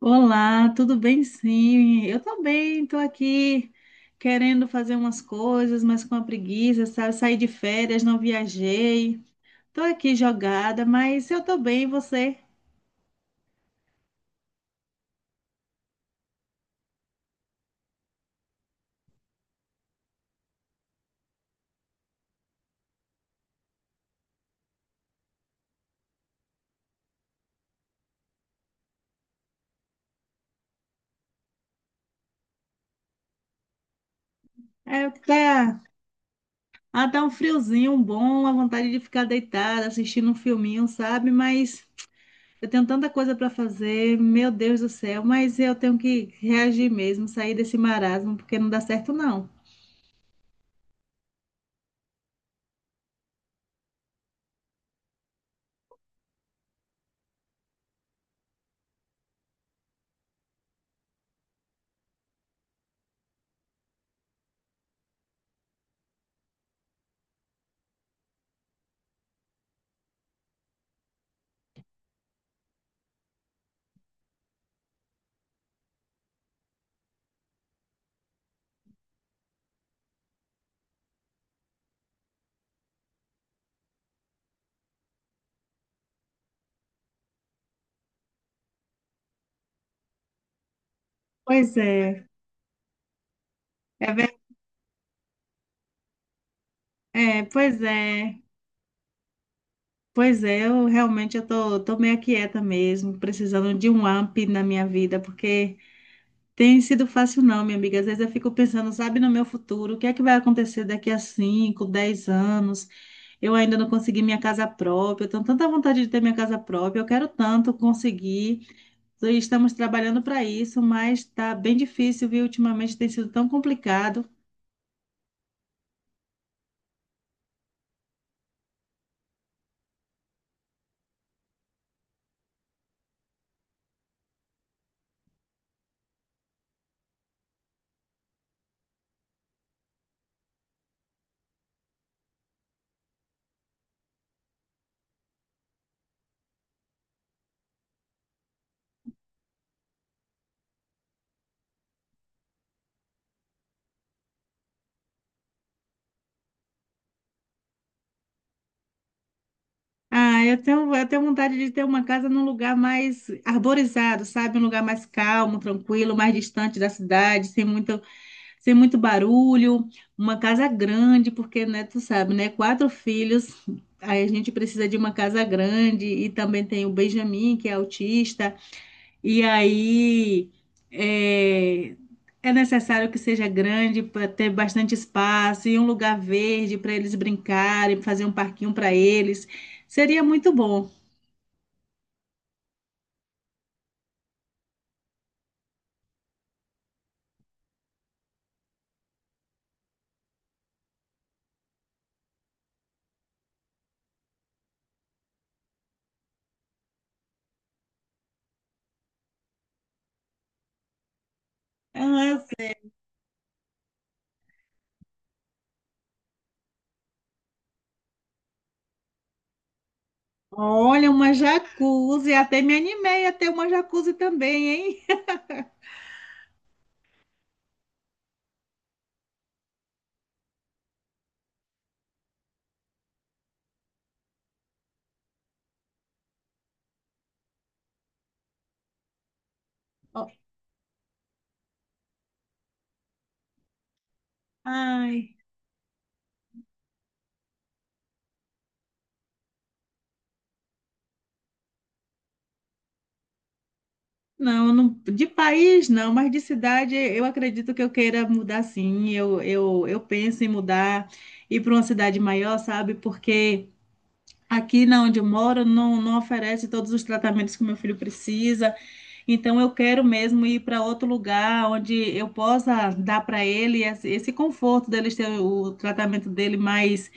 Olá, tudo bem? Sim, eu também estou aqui querendo fazer umas coisas, mas com a preguiça, sabe? Saí de férias, não viajei, estou aqui jogada, mas eu estou bem, e você? É, tá, tá um friozinho bom, a vontade de ficar deitada, assistindo um filminho, sabe? Mas eu tenho tanta coisa para fazer, meu Deus do céu, mas eu tenho que reagir mesmo, sair desse marasmo, porque não dá certo não. Pois é, é, ver- é, pois é. Pois é, eu realmente eu tô meio quieta mesmo, precisando de um up na minha vida, porque tem sido fácil não, minha amiga. Às vezes eu fico pensando, sabe, no meu futuro, o que é que vai acontecer daqui a 5 10 anos? Eu ainda não consegui minha casa própria, eu tenho tanta vontade de ter minha casa própria, eu quero tanto conseguir. E estamos trabalhando para isso, mas tá bem difícil, viu? Ultimamente tem sido tão complicado. Ah, eu tenho vontade de ter uma casa num lugar mais arborizado, sabe? Um lugar mais calmo, tranquilo, mais distante da cidade, sem muito barulho. Uma casa grande, porque, né, tu sabe, né? Quatro filhos, aí a gente precisa de uma casa grande. E também tem o Benjamin, que é autista. E aí é, é necessário que seja grande para ter bastante espaço e um lugar verde para eles brincarem, fazer um parquinho para eles. Seria muito bom. Ah, olha, uma jacuzzi, até me animei a ter uma jacuzzi também, hein? Ó, ai, de país não, mas de cidade eu acredito que eu queira mudar, sim. Eu penso em mudar, ir para uma cidade maior, sabe? Porque aqui na onde eu moro não oferece todos os tratamentos que meu filho precisa, então eu quero mesmo ir para outro lugar onde eu possa dar para ele esse conforto deles ter o tratamento dele mais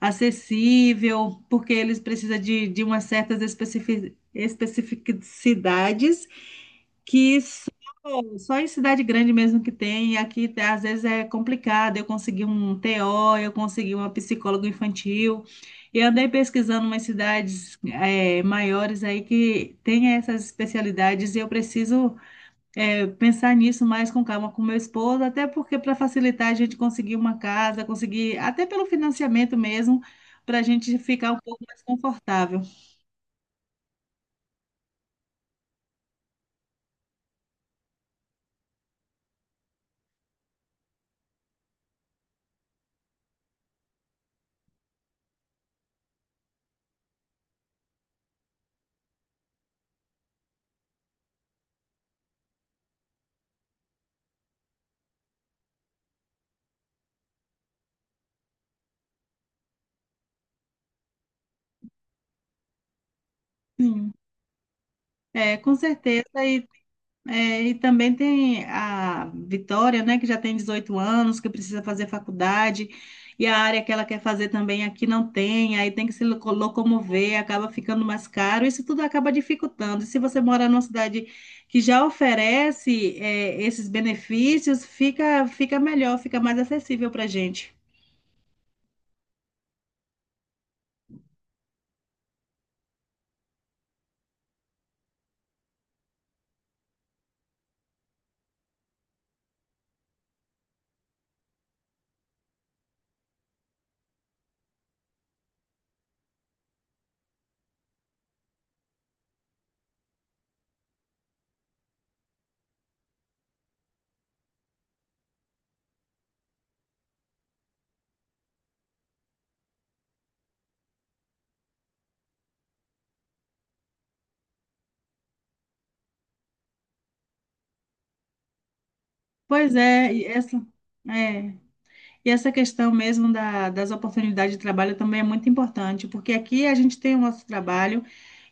acessível, porque eles precisam de umas certas especificidades que só em cidade grande mesmo que tem, e aqui às vezes é complicado. Eu consegui um TO, eu consegui uma psicóloga infantil, e andei pesquisando umas cidades maiores aí que tem essas especialidades, e eu preciso pensar nisso mais com calma com meu esposo, até porque para facilitar a gente conseguir uma casa, conseguir, até pelo financiamento mesmo, para a gente ficar um pouco mais confortável. Sim. É, com certeza. É, e também tem a Vitória, né, que já tem 18 anos, que precisa fazer faculdade, e a área que ela quer fazer também aqui não tem, aí tem que se locomover, acaba ficando mais caro, isso tudo acaba dificultando. E se você mora numa cidade que já oferece, é, esses benefícios, fica melhor, fica mais acessível para a gente. Pois é, e essa. É. E essa questão mesmo da, das oportunidades de trabalho também é muito importante, porque aqui a gente tem o nosso trabalho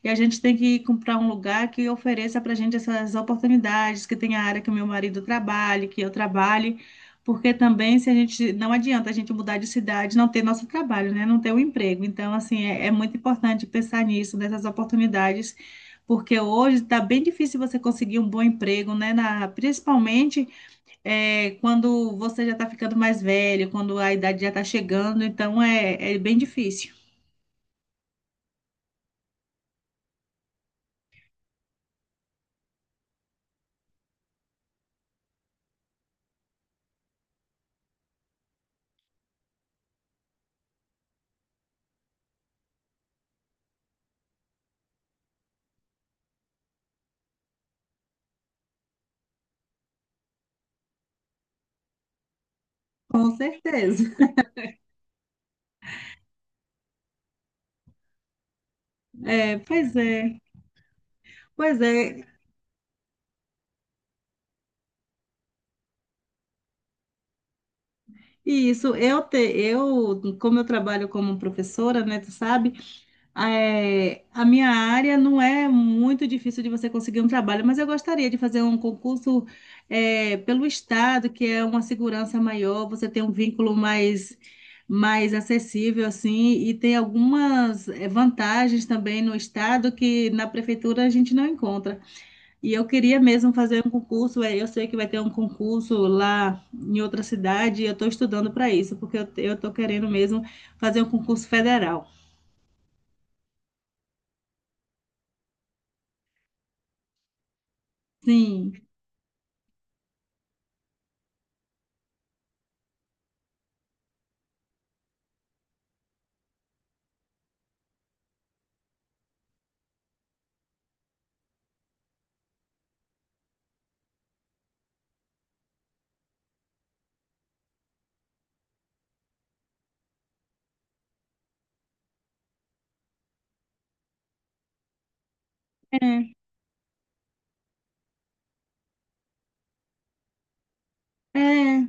e a gente tem que comprar um lugar que ofereça para a gente essas oportunidades, que tenha a área que o meu marido trabalhe, que eu trabalhe, porque também se a gente não adianta a gente mudar de cidade, e não ter nosso trabalho, né? Não ter o emprego. Então, assim, é muito importante pensar nisso, nessas oportunidades, porque hoje está bem difícil você conseguir um bom emprego, né? Principalmente, é, quando você já está ficando mais velho, quando a idade já está chegando, então é bem difícil. Com certeza. É, pois é, pois é. E isso, como eu trabalho como professora, né, tu sabe? É, a minha área não é muito difícil de você conseguir um trabalho, mas eu gostaria de fazer um concurso, é, pelo Estado, que é uma segurança maior, você tem um vínculo mais acessível, assim, e tem algumas, é, vantagens também no Estado que na prefeitura a gente não encontra. E eu queria mesmo fazer um concurso, é, eu sei que vai ter um concurso lá em outra cidade, e eu estou estudando para isso, porque eu estou querendo mesmo fazer um concurso federal. Sim. É. É,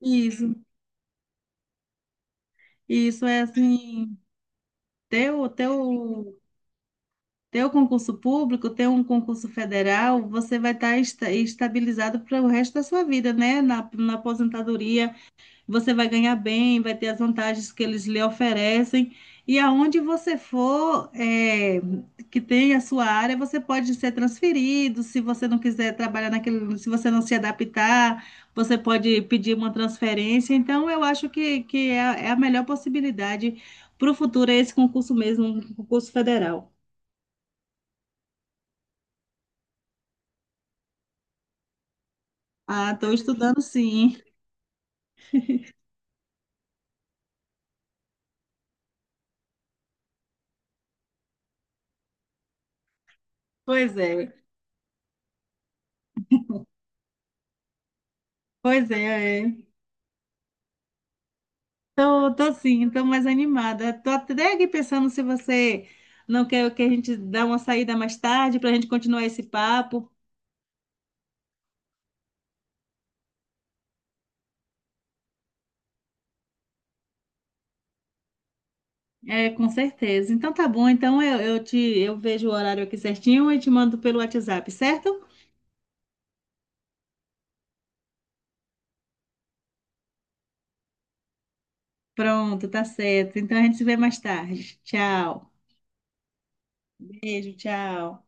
isso, isso é assim, teu, teu, teu concurso público, teu um concurso federal, você vai estar estabilizado para o resto da sua vida, né? Na aposentadoria. Você vai ganhar bem, vai ter as vantagens que eles lhe oferecem. E aonde você for, é, que tem a sua área, você pode ser transferido. Se você não quiser trabalhar naquele, se você não se adaptar, você pode pedir uma transferência. Então, eu acho que é, é a melhor possibilidade para o futuro, é esse concurso mesmo, um concurso federal. Ah, estou estudando sim. Pois é, pois é. É. Tô sim, tô mais animada. Tô até aqui pensando se você não quer que a gente dê uma saída mais tarde para a gente continuar esse papo. É, com certeza. Então tá bom. Então eu vejo o horário aqui certinho e te mando pelo WhatsApp, certo? Pronto, tá certo. Então a gente se vê mais tarde. Tchau. Beijo, tchau.